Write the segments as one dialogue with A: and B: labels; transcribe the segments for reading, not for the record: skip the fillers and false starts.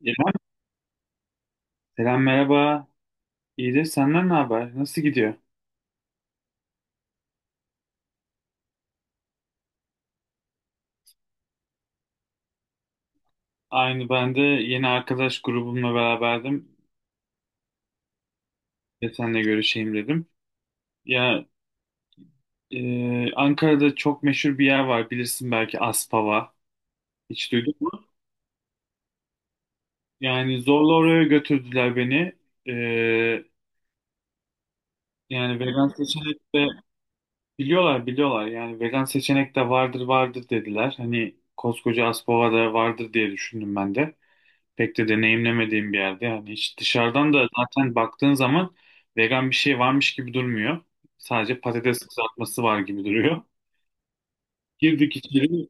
A: İrem, selam merhaba. İyidir, senden ne haber? Nasıl gidiyor? Aynı ben de yeni arkadaş grubumla beraberdim ve seninle görüşeyim dedim. Ya, Ankara'da çok meşhur bir yer var bilirsin belki Aspava. Hiç duydun mu? Yani zorla oraya götürdüler beni. E, yani vegan seçenek de biliyorlar biliyorlar. Yani vegan seçenek de vardır vardır dediler. Hani koskoca Aspava'da vardır diye düşündüm ben de. Pek de deneyimlemediğim bir yerde yani hiç dışarıdan da zaten baktığın zaman vegan bir şey varmış gibi durmuyor. Sadece patates kızartması var gibi duruyor. Girdik içeri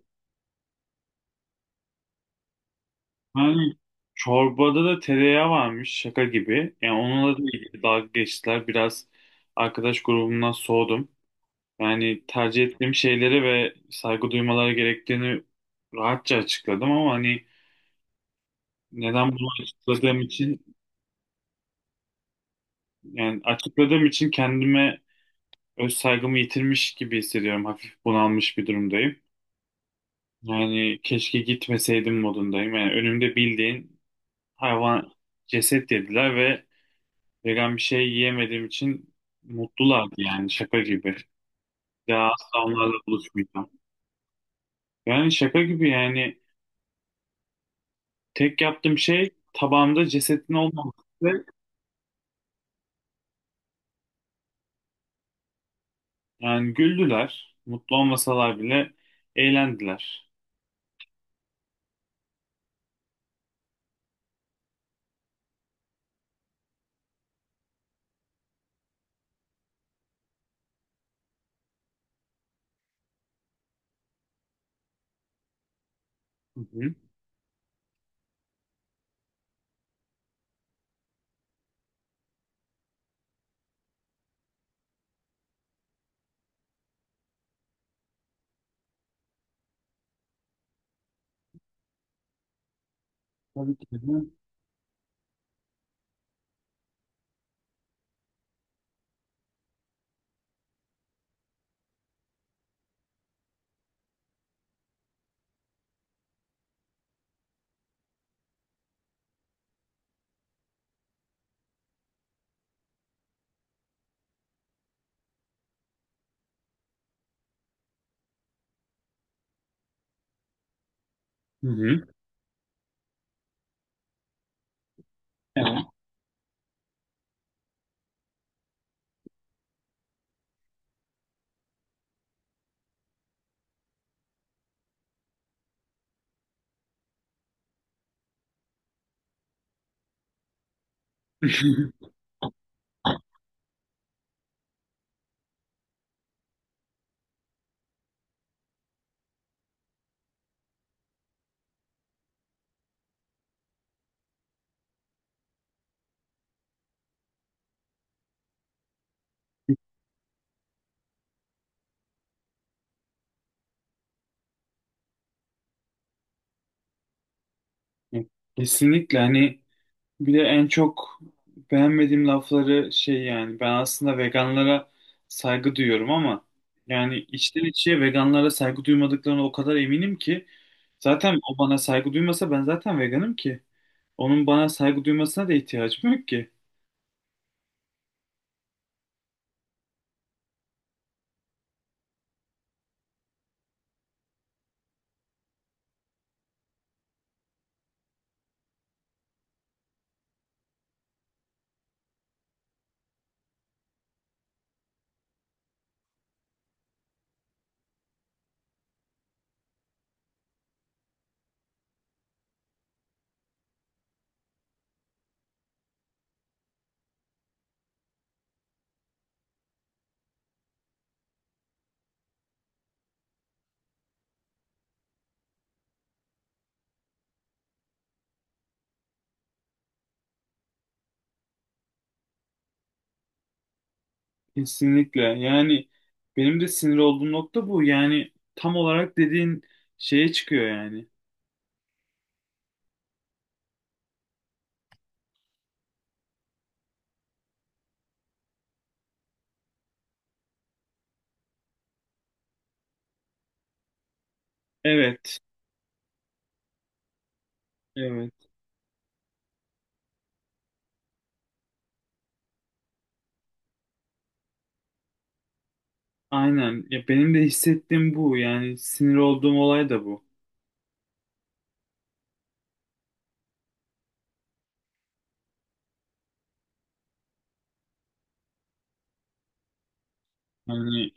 A: yani çorbada da tereyağı varmış şaka gibi. Yani onunla da ilgili dalga geçtiler. Biraz arkadaş grubumdan soğudum. Yani tercih ettiğim şeylere ve saygı duymaları gerektiğini rahatça açıkladım ama hani neden bunu açıkladığım için yani açıkladığım için kendime öz saygımı yitirmiş gibi hissediyorum. Hafif bunalmış bir durumdayım. Yani keşke gitmeseydim modundayım. Yani önümde bildiğin hayvan ceset dediler ve vegan bir şey yiyemediğim için mutlulardı yani şaka gibi. Daha asla onlarla buluşmayacağım. Yani şaka gibi yani tek yaptığım şey tabağımda cesetin olmaması. Yani güldüler. Mutlu olmasalar bile eğlendiler. Hı hı. Tabii ki de. Hı hı. Evet. Ya, kesinlikle hani bir de en çok beğenmediğim lafları şey yani ben aslında veganlara saygı duyuyorum ama yani içten içe veganlara saygı duymadıklarına o kadar eminim ki zaten o bana saygı duymasa ben zaten veganım ki onun bana saygı duymasına da ihtiyacım yok ki. Kesinlikle yani benim de sinir olduğum nokta bu yani tam olarak dediğin şeye çıkıyor yani. Evet, evet. Aynen. Ya benim de hissettiğim bu. Yani sinir olduğum olay da bu. Hani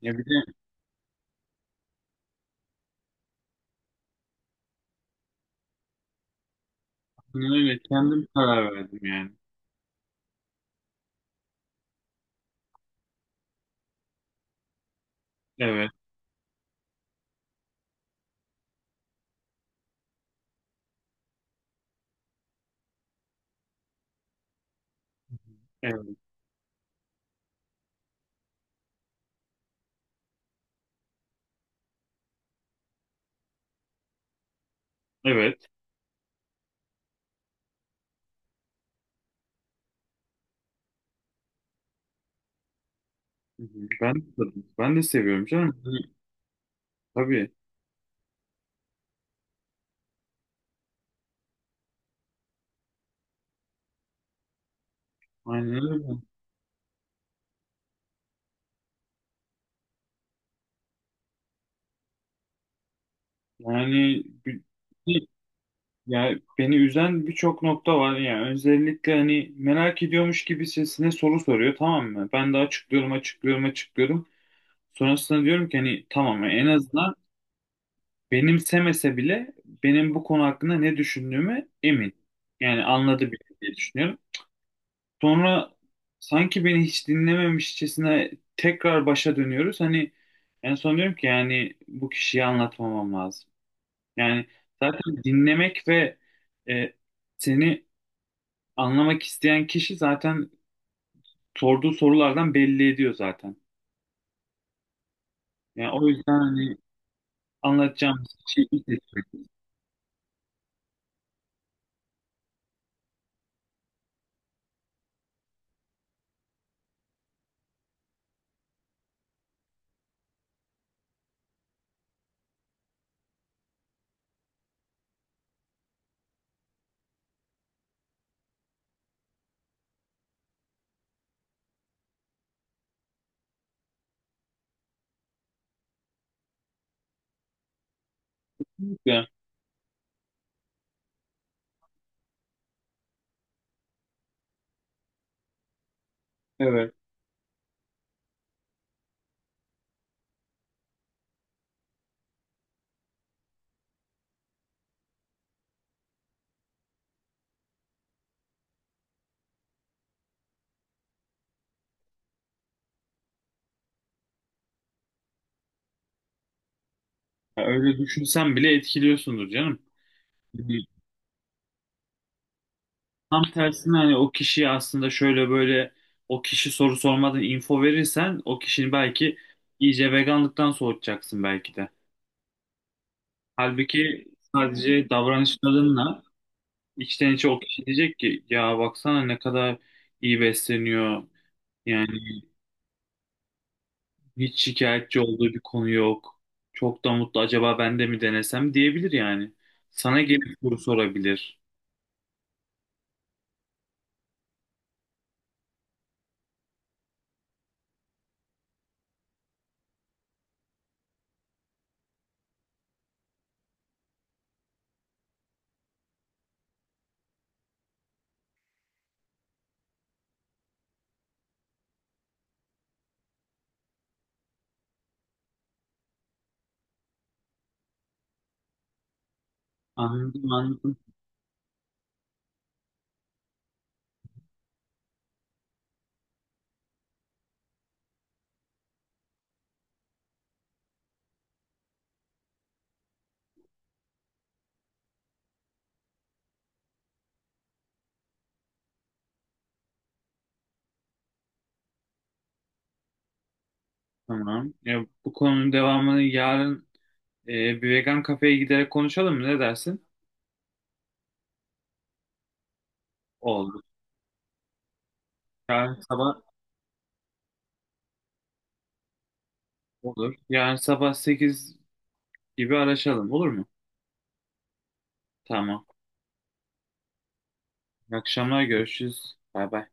A: ya bir de aynen öyle kendim karar verdim yani. Evet. Evet. Evet. Hı hı. Ben de tadım. Ben de seviyorum canım. Hani, tabii. Aynen öyle. Yani bir- ya beni üzen birçok nokta var. Yani özellikle hani merak ediyormuş gibi sesine soru soruyor tamam mı? Ben de açıklıyorum. Sonrasında diyorum ki hani tamam en azından benimsemese bile benim bu konu hakkında ne düşündüğümü emin. Yani anladı bile diye düşünüyorum. Sonra sanki beni hiç dinlememişçesine tekrar başa dönüyoruz. Hani en son diyorum ki yani bu kişiyi anlatmamam lazım. Yani zaten dinlemek ve e, seni anlamak isteyen kişi zaten sorduğu sorulardan belli ediyor zaten. Yani o yüzden hani anlatacağım şey ilk ettik de evet. Ya öyle düşünsen bile etkiliyorsundur canım. Hani tam tersine hani o kişiye aslında şöyle böyle o kişi soru sormadan info verirsen o kişinin belki iyice veganlıktan soğutacaksın belki de. Halbuki sadece davranışlarınla içten içe o kişi diyecek ki ya baksana ne kadar iyi besleniyor. Yani hiç şikayetçi olduğu bir konu yok. Çok da mutlu acaba ben de mi denesem diyebilir yani. Sana gelip soru sorabilir. Anladım anladım. Tamam. Ya, bu konunun devamını yarın bir vegan kafeye giderek konuşalım mı? Ne dersin? Olur. Yarın sabah olur. Yarın sabah 8 gibi araşalım. Olur mu? Tamam. İyi akşamlar görüşürüz. Bay bay.